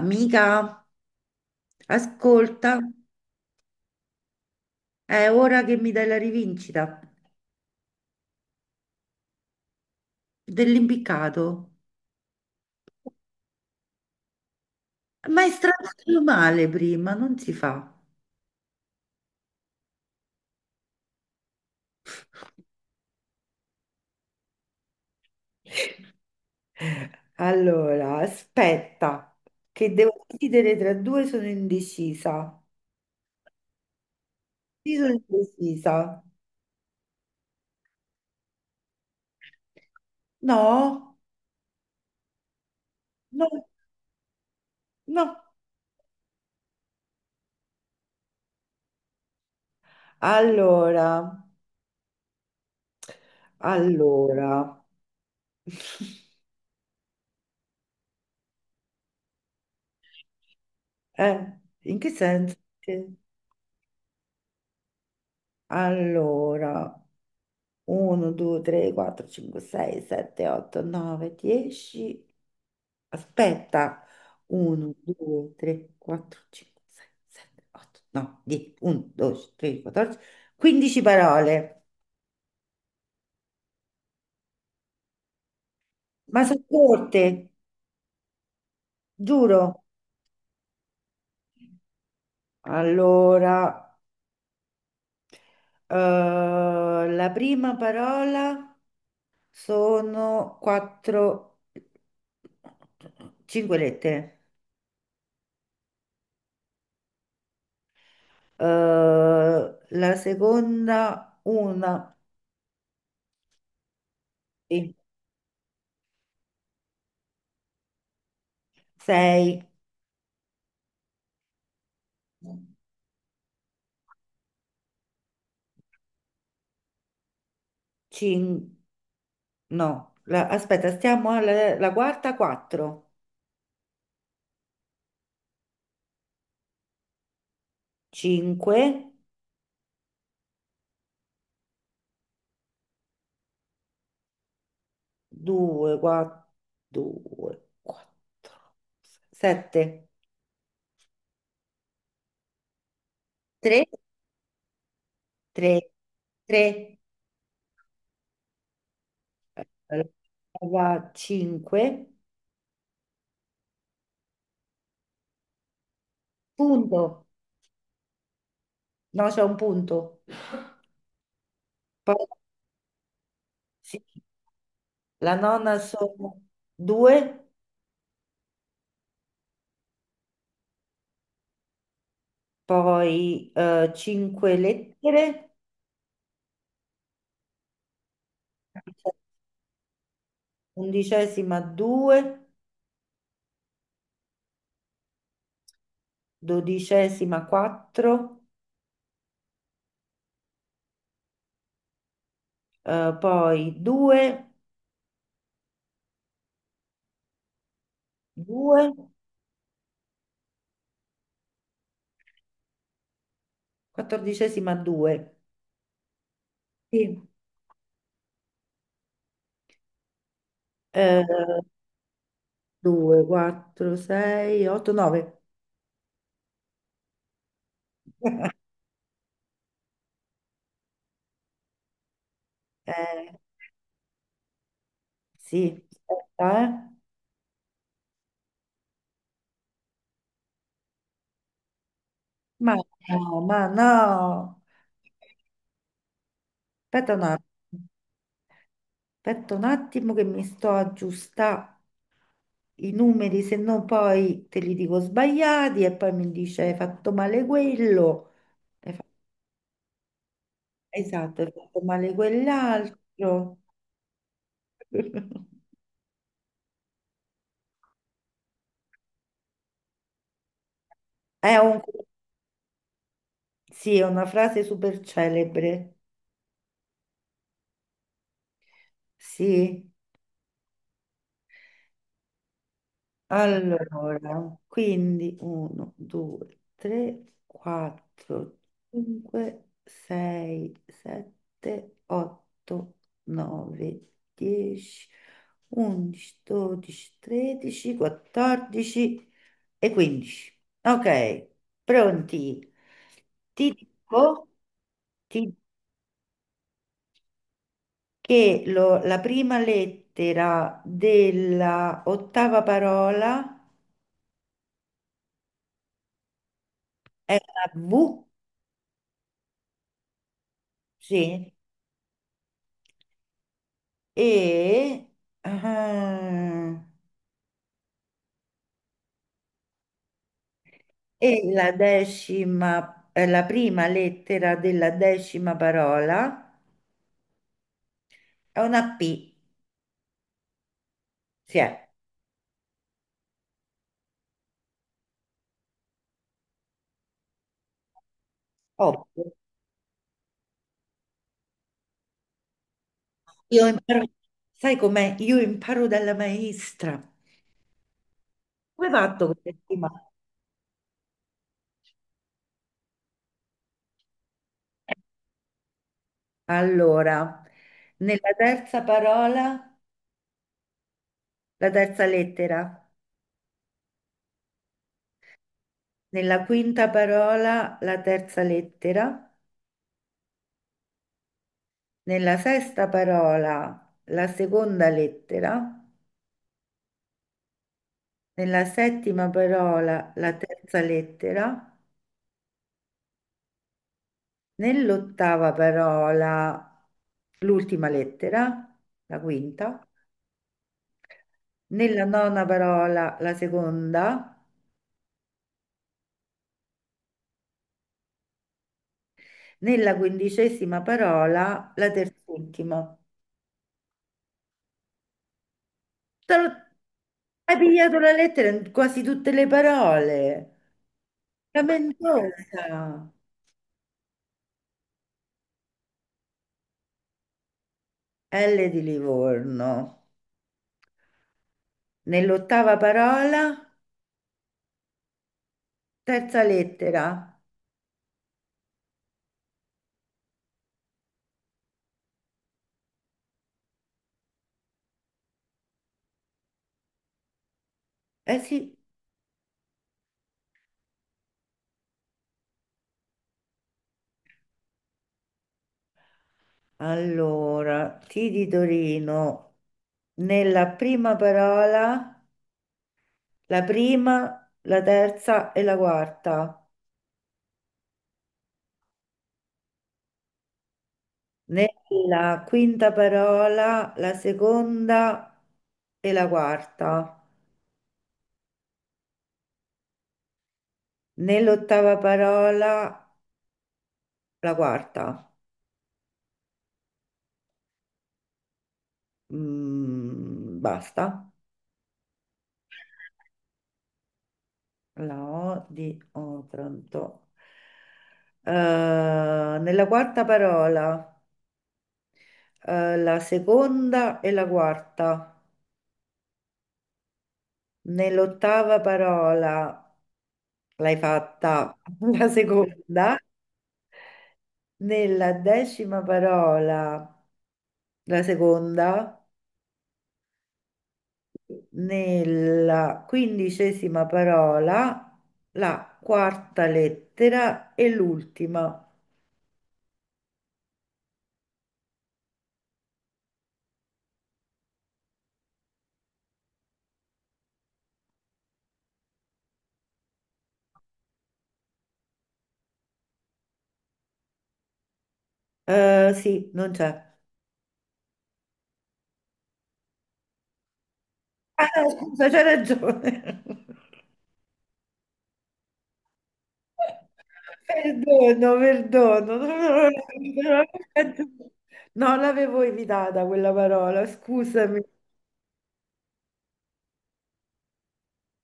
Amica, ascolta, è ora che mi dai la rivincita dell'impiccato. Ma è strano male prima, non si fa. Allora, aspetta, che devo decidere tra due, sono indecisa. Sì, sono indecisa. No, no, no. Allora, allora, in che senso? Allora. 1, 2, 3, 4, 5, 6, 7, 8, 9, 10. Aspetta. 1, 2, 3, 4, 5, 6, 7, 8, 9, 10, 11, 12, 13, 14, 15 parole. Ma sono corte, giuro. Allora, la prima parola sono 4, 5 lettere. Eh, la seconda una. 6, 5, no, aspetta, stiamo alla la quarta 4, 5, 2, 4, 2, 4, 7, 3, 3, 3, 5, punto, no, c'è un punto, poi sì, la nonna sono 2, poi 5 lettere, undicesima 2, dodicesima 4, poi 2, 2, quattordicesima 2, sì. 2, 4, 6, 8, 9. Eh, sì, aspetta, eh. Ma no, ma no. Aspetta un attimo, aspetta un attimo che mi sto aggiustando i numeri, se no poi te li dico sbagliati e poi mi dice hai fatto male quello, hai fa- esatto, hai fatto male quell'altro. È un- sì, è una frase super celebre. Sì. Allora, quindi 1, 2, 3, 4, 5, 6, 7, 8, 9, 10, 11, 12, 13, 14 e 15. Ok, pronti? Ti dico, la prima lettera della ottava parola è una V, sì, e, ah, e la decima, la prima lettera della decima parola è una P, sì, è ovvio. Io imparo, sai com'è? Io imparo dalla maestra. Come hai fatto questa settimana? Allora, nella terza parola, la terza lettera. Nella quinta parola la terza lettera, nella sesta parola la seconda lettera, nella settima parola la terza lettera, nell'ottava parola l'ultima lettera, la quinta, nella nona parola la seconda, nella quindicesima parola la terz'ultima. Te lo- Hai pigliato la lettera in quasi tutte le parole. Lamentosa. L di Livorno. Nell'ottava parola, terza lettera. Eh sì, allora, T di Torino. Nella prima parola, la prima, la terza e la quarta. Nella quinta parola, la seconda e la quarta. Nell'ottava parola, la quarta. Basta. La O di Otranto. Eh, nella quarta parola, la seconda e la quarta. Nell'ottava parola l'hai fatta la seconda. Nella decima parola la seconda. Nella quindicesima parola la quarta lettera e l'ultima. Sì, non c'è. Ah, scusa, c'hai ragione. Perdono, perdono. No, l'avevo evitata quella parola, scusami.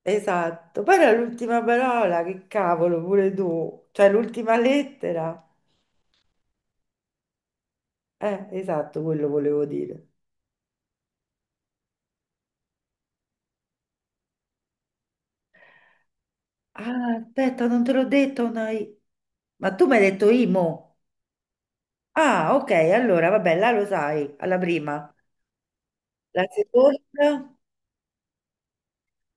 Esatto. Poi era l'ultima parola, che cavolo, pure tu. Cioè, l'ultima lettera. Esatto, quello volevo dire. Ah, aspetta, non te l'ho detto, una I. Ma tu mi hai detto Imo. Ah, ok, allora, vabbè, là lo sai, alla prima. La seconda?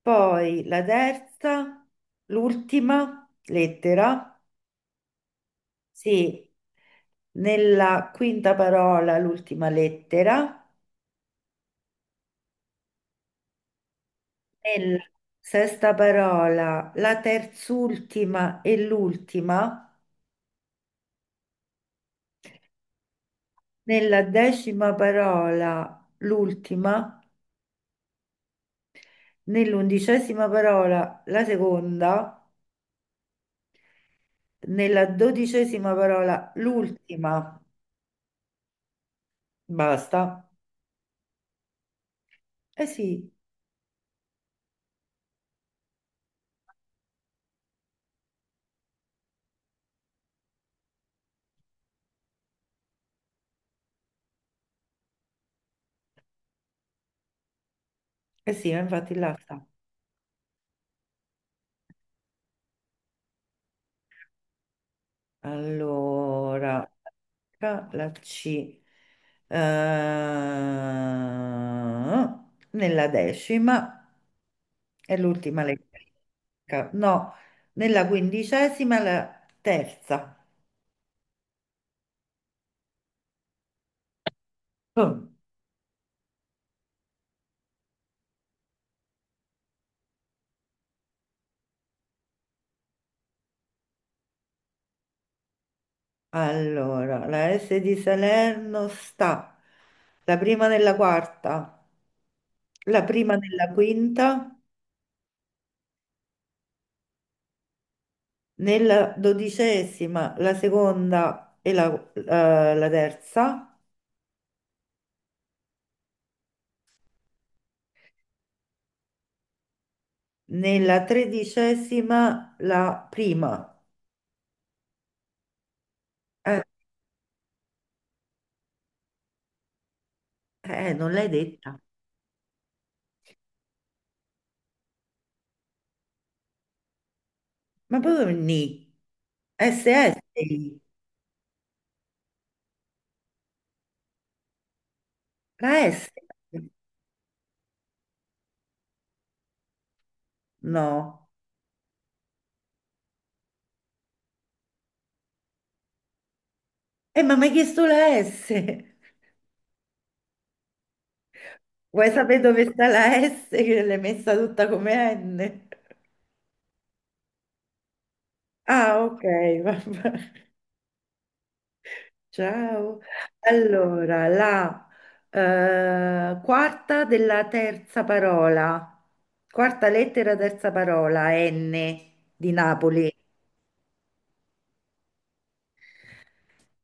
Poi la terza, l'ultima lettera, sì, nella quinta parola l'ultima lettera, nella sesta parola la terzultima e l'ultima, nella decima parola l'ultima, nell'undicesima parola la seconda, nella dodicesima parola l'ultima, basta. Eh sì, eh sì, infatti là sta. Allora, tra la C. Eh, nella decima è l'ultima lettera. No, nella quindicesima è la terza. Boom. Allora, la S di Salerno sta la prima nella quarta, la prima nella quinta, nella dodicesima, la seconda e la terza. Nella tredicesima, la prima. Eh, non l'hai detta. Ma proprio ni. SS. La S. No. Ma mi hai chiesto la S. Vuoi sapere dove sta la S che l'hai messa tutta come N? Ah, ok, vabbè. Ciao. Allora, la quarta della terza parola. Quarta lettera, terza parola, N di Napoli.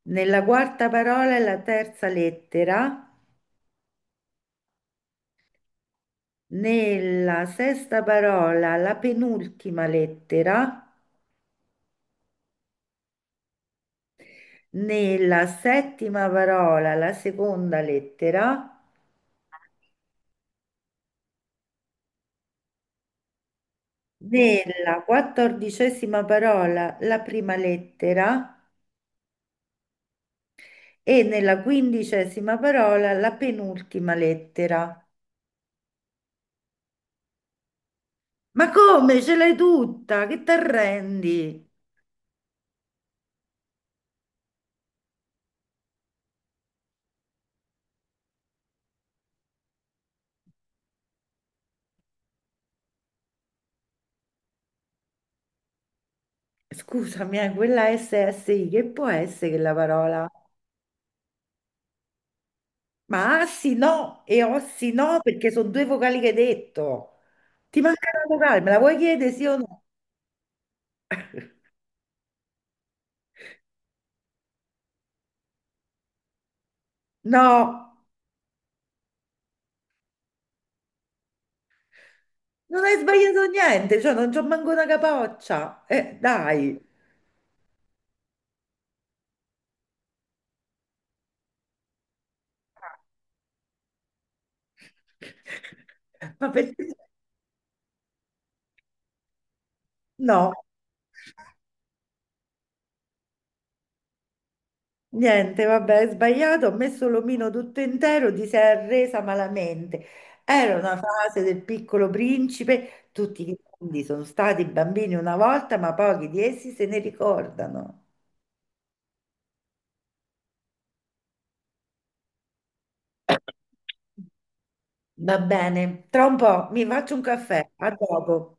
Nella quarta parola è la terza lettera, nella sesta parola la penultima lettera, nella settima parola la seconda lettera, nella quattordicesima parola la prima lettera e nella quindicesima parola la penultima lettera. Ma come ce l'hai tutta? Che ti arrendi? Scusami, quella SSI, che può essere quella parola? Ma assi no e ossi no perché sono due vocali che hai detto. Ti manca una vocale, me la vuoi chiedere sì o no? No, non hai sbagliato niente, cioè non c'ho manco una capoccia. Dai. Ma perché? No, niente, vabbè, hai sbagliato, ho messo l'omino tutto intero, ti sei arresa malamente. Era una fase del piccolo principe, tutti i grandi sono stati bambini una volta, ma pochi di essi se ne ricordano. Va bene, tra un po' mi faccio un caffè, a dopo.